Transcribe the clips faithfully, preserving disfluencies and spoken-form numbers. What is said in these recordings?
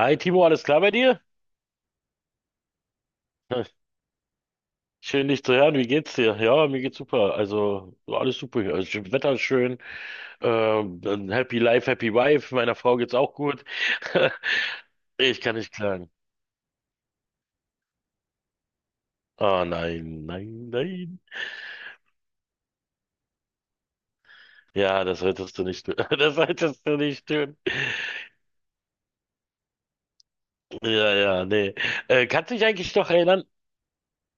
Hi Timo, alles klar bei dir? Schön dich zu hören, wie geht's dir? Ja, mir geht's super. Also alles super hier. Also, schön- Wetter ist schön. Ähm, dann happy Life, Happy Wife. Meiner Frau geht's auch gut. Ich kann nicht klagen. Oh nein, nein, nein. Ja, das solltest du nicht tun. Das solltest du nicht tun. Ja, ja, nee. Äh, kannst dich eigentlich noch erinnern?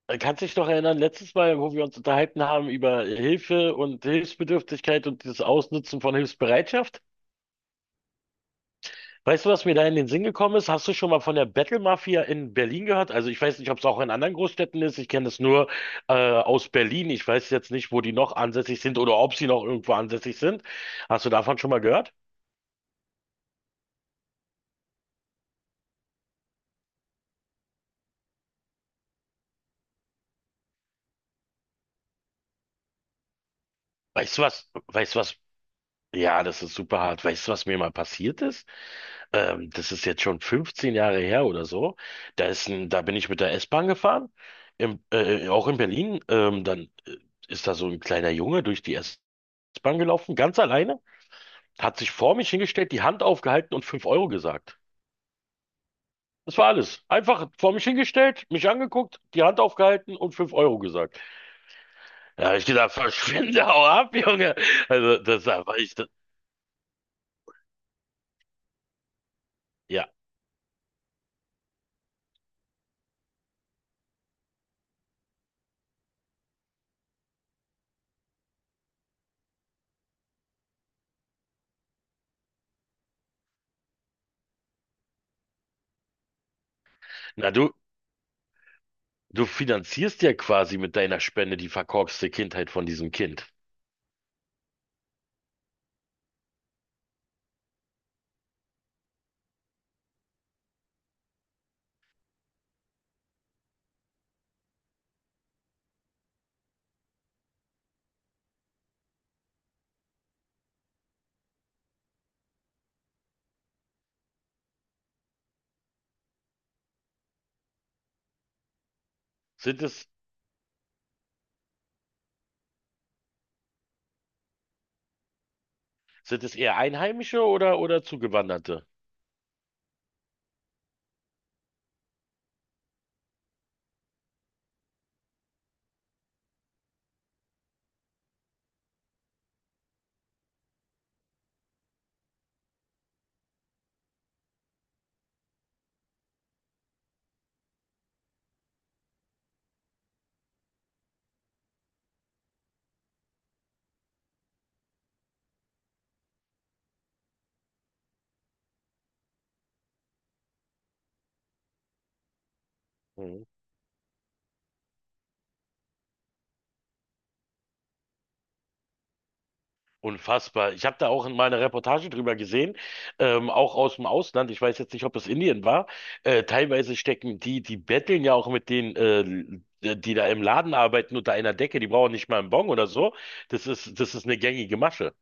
äh, Kannst dich noch erinnern, letztes Mal, wo wir uns unterhalten haben über Hilfe und Hilfsbedürftigkeit und das Ausnutzen von Hilfsbereitschaft? Weißt du, was mir da in den Sinn gekommen ist? Hast du schon mal von der Battle Mafia in Berlin gehört? Also ich weiß nicht, ob es auch in anderen Großstädten ist. Ich kenne es nur äh, aus Berlin. Ich weiß jetzt nicht, wo die noch ansässig sind oder ob sie noch irgendwo ansässig sind. Hast du davon schon mal gehört? Weißt du was? Weißt du was? Ja, das ist super hart. Weißt du, was mir mal passiert ist? Ähm, das ist jetzt schon fünfzehn Jahre her oder so. Da ist ein, da bin ich mit der S-Bahn gefahren, im, äh, auch in Berlin. Ähm, dann äh, ist da so ein kleiner Junge durch die S-Bahn gelaufen, ganz alleine. Hat sich vor mich hingestellt, die Hand aufgehalten und fünf Euro gesagt. Das war alles. Einfach vor mich hingestellt, mich angeguckt, die Hand aufgehalten und fünf Euro gesagt. Da habe ich gedacht, verschwinde, hau ab, Junge. Also, das war ich. Das, ja, na du, du finanzierst ja quasi mit deiner Spende die verkorkste Kindheit von diesem Kind. Sind es, sind es eher Einheimische oder, oder Zugewanderte? Mhm. Unfassbar. Ich habe da auch in meiner Reportage drüber gesehen, ähm, auch aus dem Ausland. Ich weiß jetzt nicht, ob es Indien war. Äh, teilweise stecken die, die betteln ja auch mit denen, äh, die da im Laden arbeiten unter einer Decke. Die brauchen nicht mal einen Bon oder so. Das ist, das ist eine gängige Masche.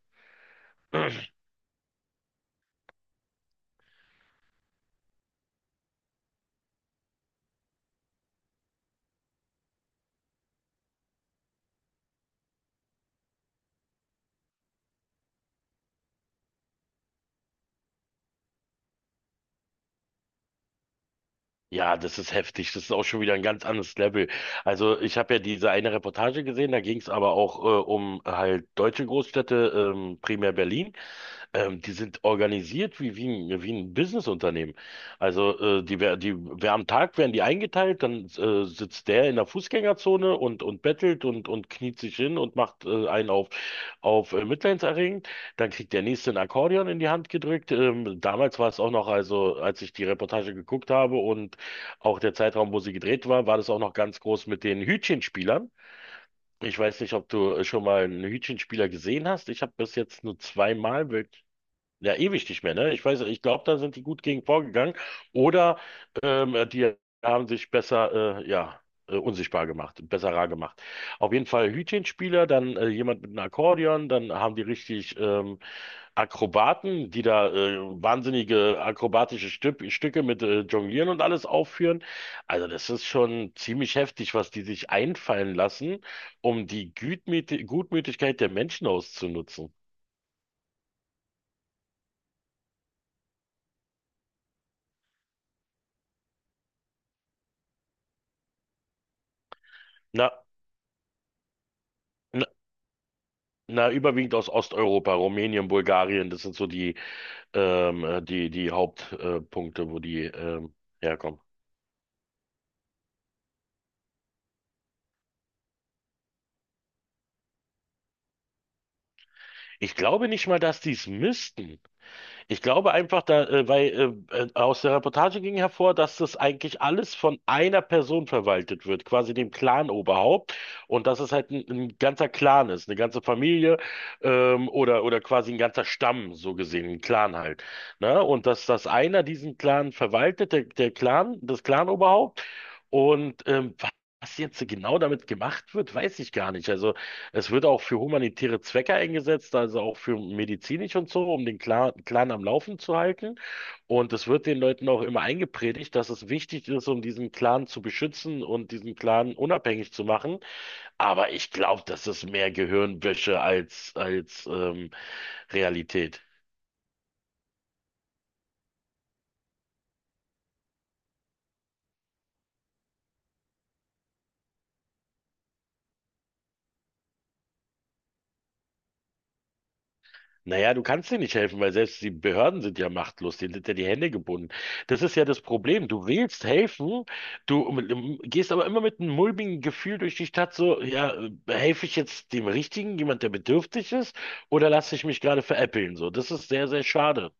Ja, das ist heftig. Das ist auch schon wieder ein ganz anderes Level. Also ich habe ja diese eine Reportage gesehen, da ging es aber auch äh, um halt deutsche Großstädte, ähm, primär Berlin. Ähm, die sind organisiert wie, wie ein, wie ein Businessunternehmen. Also äh, die, wer- die, wer am Tag werden die eingeteilt, dann äh, sitzt der in der Fußgängerzone und, und bettelt und, und kniet sich hin und macht äh, einen auf, auf äh, mitleidenserregend. Dann kriegt der nächste ein Akkordeon in die Hand gedrückt. Ähm, damals war es auch noch, also als ich die Reportage geguckt habe und auch der Zeitraum, wo sie gedreht war, war das auch noch ganz groß mit den Hütchenspielern. Ich weiß nicht, ob du schon mal einen Hütchenspieler gesehen hast. Ich habe bis jetzt nur zweimal wirk- ja, ewig nicht mehr, ne? Ich weiß, ich glaube, da sind die gut gegen vorgegangen. Oder ähm, die haben sich besser, äh, ja, äh, unsichtbar gemacht, besser rar gemacht. Auf jeden Fall Hütchenspieler, dann äh, jemand mit einem Akkordeon, dann haben die richtig ähm, Akrobaten, die da äh, wahnsinnige akrobatische Stück, Stücke mit äh, Jonglieren und alles aufführen. Also das ist schon ziemlich heftig, was die sich einfallen lassen, um die Gütmüti- Gutmütigkeit der Menschen auszunutzen. Na, Na, überwiegend aus Osteuropa, Rumänien, Bulgarien, das sind so die, ähm, äh, die, die Hauptpunkte, äh, Punkte, wo die ähm, herkommen. Ich glaube nicht mal, dass die es müssten. Ich glaube einfach, da, äh, weil äh, äh, aus der Reportage ging hervor, dass das eigentlich alles von einer Person verwaltet wird, quasi dem Clan-Oberhaupt. Und dass es halt ein, ein ganzer Clan ist, eine ganze Familie ähm, oder, oder quasi ein ganzer Stamm, so gesehen, ein Clan halt. Ne? Und dass, dass einer diesen Clan verwaltet, der, der Clan, das Clan-Oberhaupt. Und ähm, wa- was jetzt genau damit gemacht wird, weiß ich gar nicht. Also es wird auch für humanitäre Zwecke eingesetzt, also auch für medizinisch und so, um den Clan, Clan am Laufen zu halten. Und es wird den Leuten auch immer eingepredigt, dass es wichtig ist, um diesen Clan zu beschützen und diesen Clan unabhängig zu machen. Aber ich glaube, das ist mehr Gehirnwäsche als, als ähm, Realität. Naja, du kannst dir nicht helfen, weil selbst die Behörden sind ja machtlos, denen sind ja die Hände gebunden. Das ist ja das Problem. Du willst helfen, du ähm, gehst aber immer mit einem mulmigen Gefühl durch die Stadt, so, ja, äh, helfe ich jetzt dem Richtigen, jemand, der bedürftig ist, oder lasse ich mich gerade veräppeln? So, das ist sehr, sehr schade.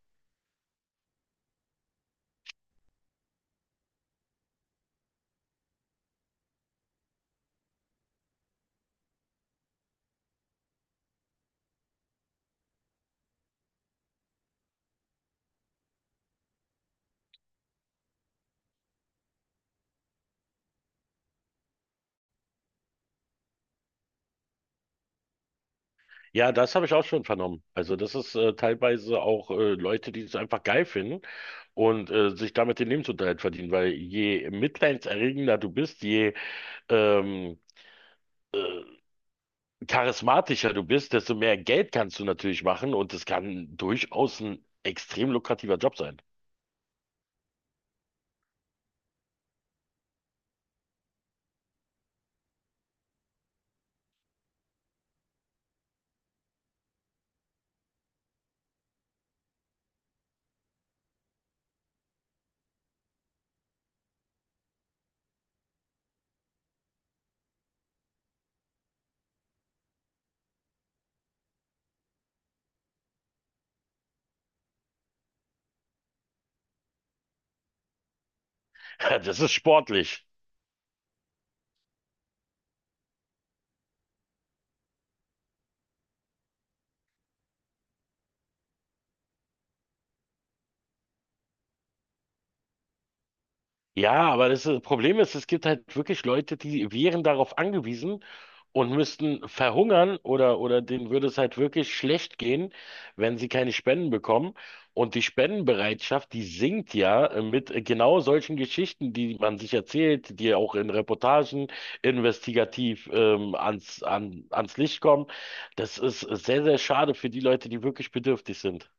Ja, das habe ich auch schon vernommen. Also das ist äh, teilweise auch äh, Leute, die es einfach geil finden und äh, sich damit den Lebensunterhalt verdienen, weil je mitleidserregender du bist, je ähm, charismatischer du bist, desto mehr Geld kannst du natürlich machen und es kann durchaus ein extrem lukrativer Job sein. Das ist sportlich. Ja, aber das ist- Problem ist, es gibt halt wirklich Leute, die wären darauf angewiesen, und müssten verhungern oder, oder denen würde es halt wirklich schlecht gehen, wenn sie keine Spenden bekommen. Und die Spendenbereitschaft, die sinkt ja äh, mit äh, genau solchen Geschichten, die man sich erzählt, die auch in Reportagen investigativ ähm, ans, an, ans Licht kommen. Das ist sehr, sehr schade für die Leute, die wirklich bedürftig sind.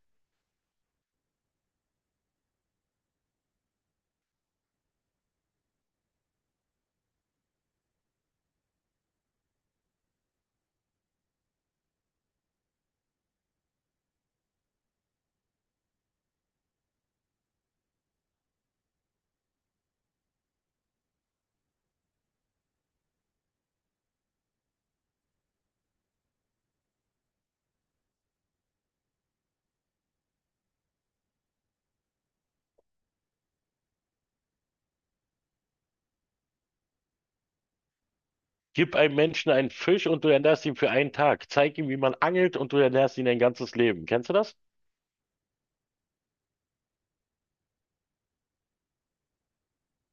Gib einem Menschen einen Fisch und du ernährst ihn für einen Tag. Zeig ihm, wie man angelt und du ernährst ihn ein ganzes Leben. Kennst du das?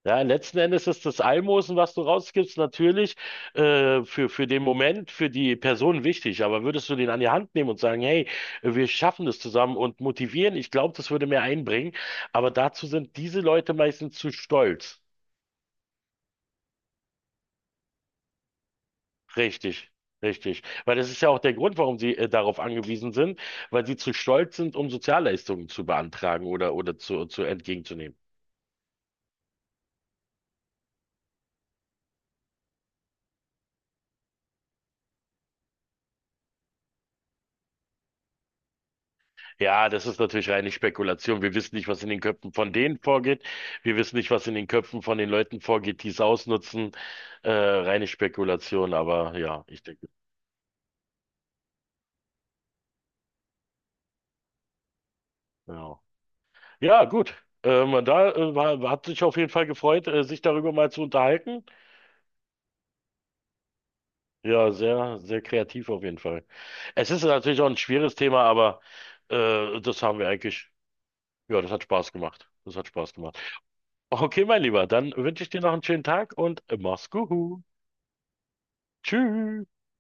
Ja, letzten Endes ist das Almosen, was du rausgibst, natürlich äh, für, für den Moment, für die Person wichtig. Aber würdest du den an die Hand nehmen und sagen, hey, wir schaffen das zusammen und motivieren, ich glaube, das würde mehr einbringen. Aber dazu sind diese Leute meistens zu stolz. Richtig, richtig. Weil das ist ja auch der Grund, warum sie äh, darauf angewiesen sind, weil sie zu stolz sind, um Sozialleistungen zu beantragen oder, oder zu, zu entgegenzunehmen. Ja, das ist natürlich reine Spekulation. Wir wissen nicht, was in den Köpfen von denen vorgeht. Wir wissen nicht, was in den Köpfen von den Leuten vorgeht, die es ausnutzen. Äh, reine Spekulation, aber ja, ich denke, ja. Ja, gut. Ähm, da äh, war, hat sich auf jeden Fall gefreut, äh, sich darüber mal zu unterhalten. Ja, sehr, sehr kreativ auf jeden Fall. Es ist natürlich auch ein schweres Thema, aber äh, das haben wir eigentlich, ja, das hat Spaß gemacht. Das hat Spaß gemacht. Okay, mein Lieber, dann wünsche ich dir noch einen schönen Tag und mach's gut. Tschüss.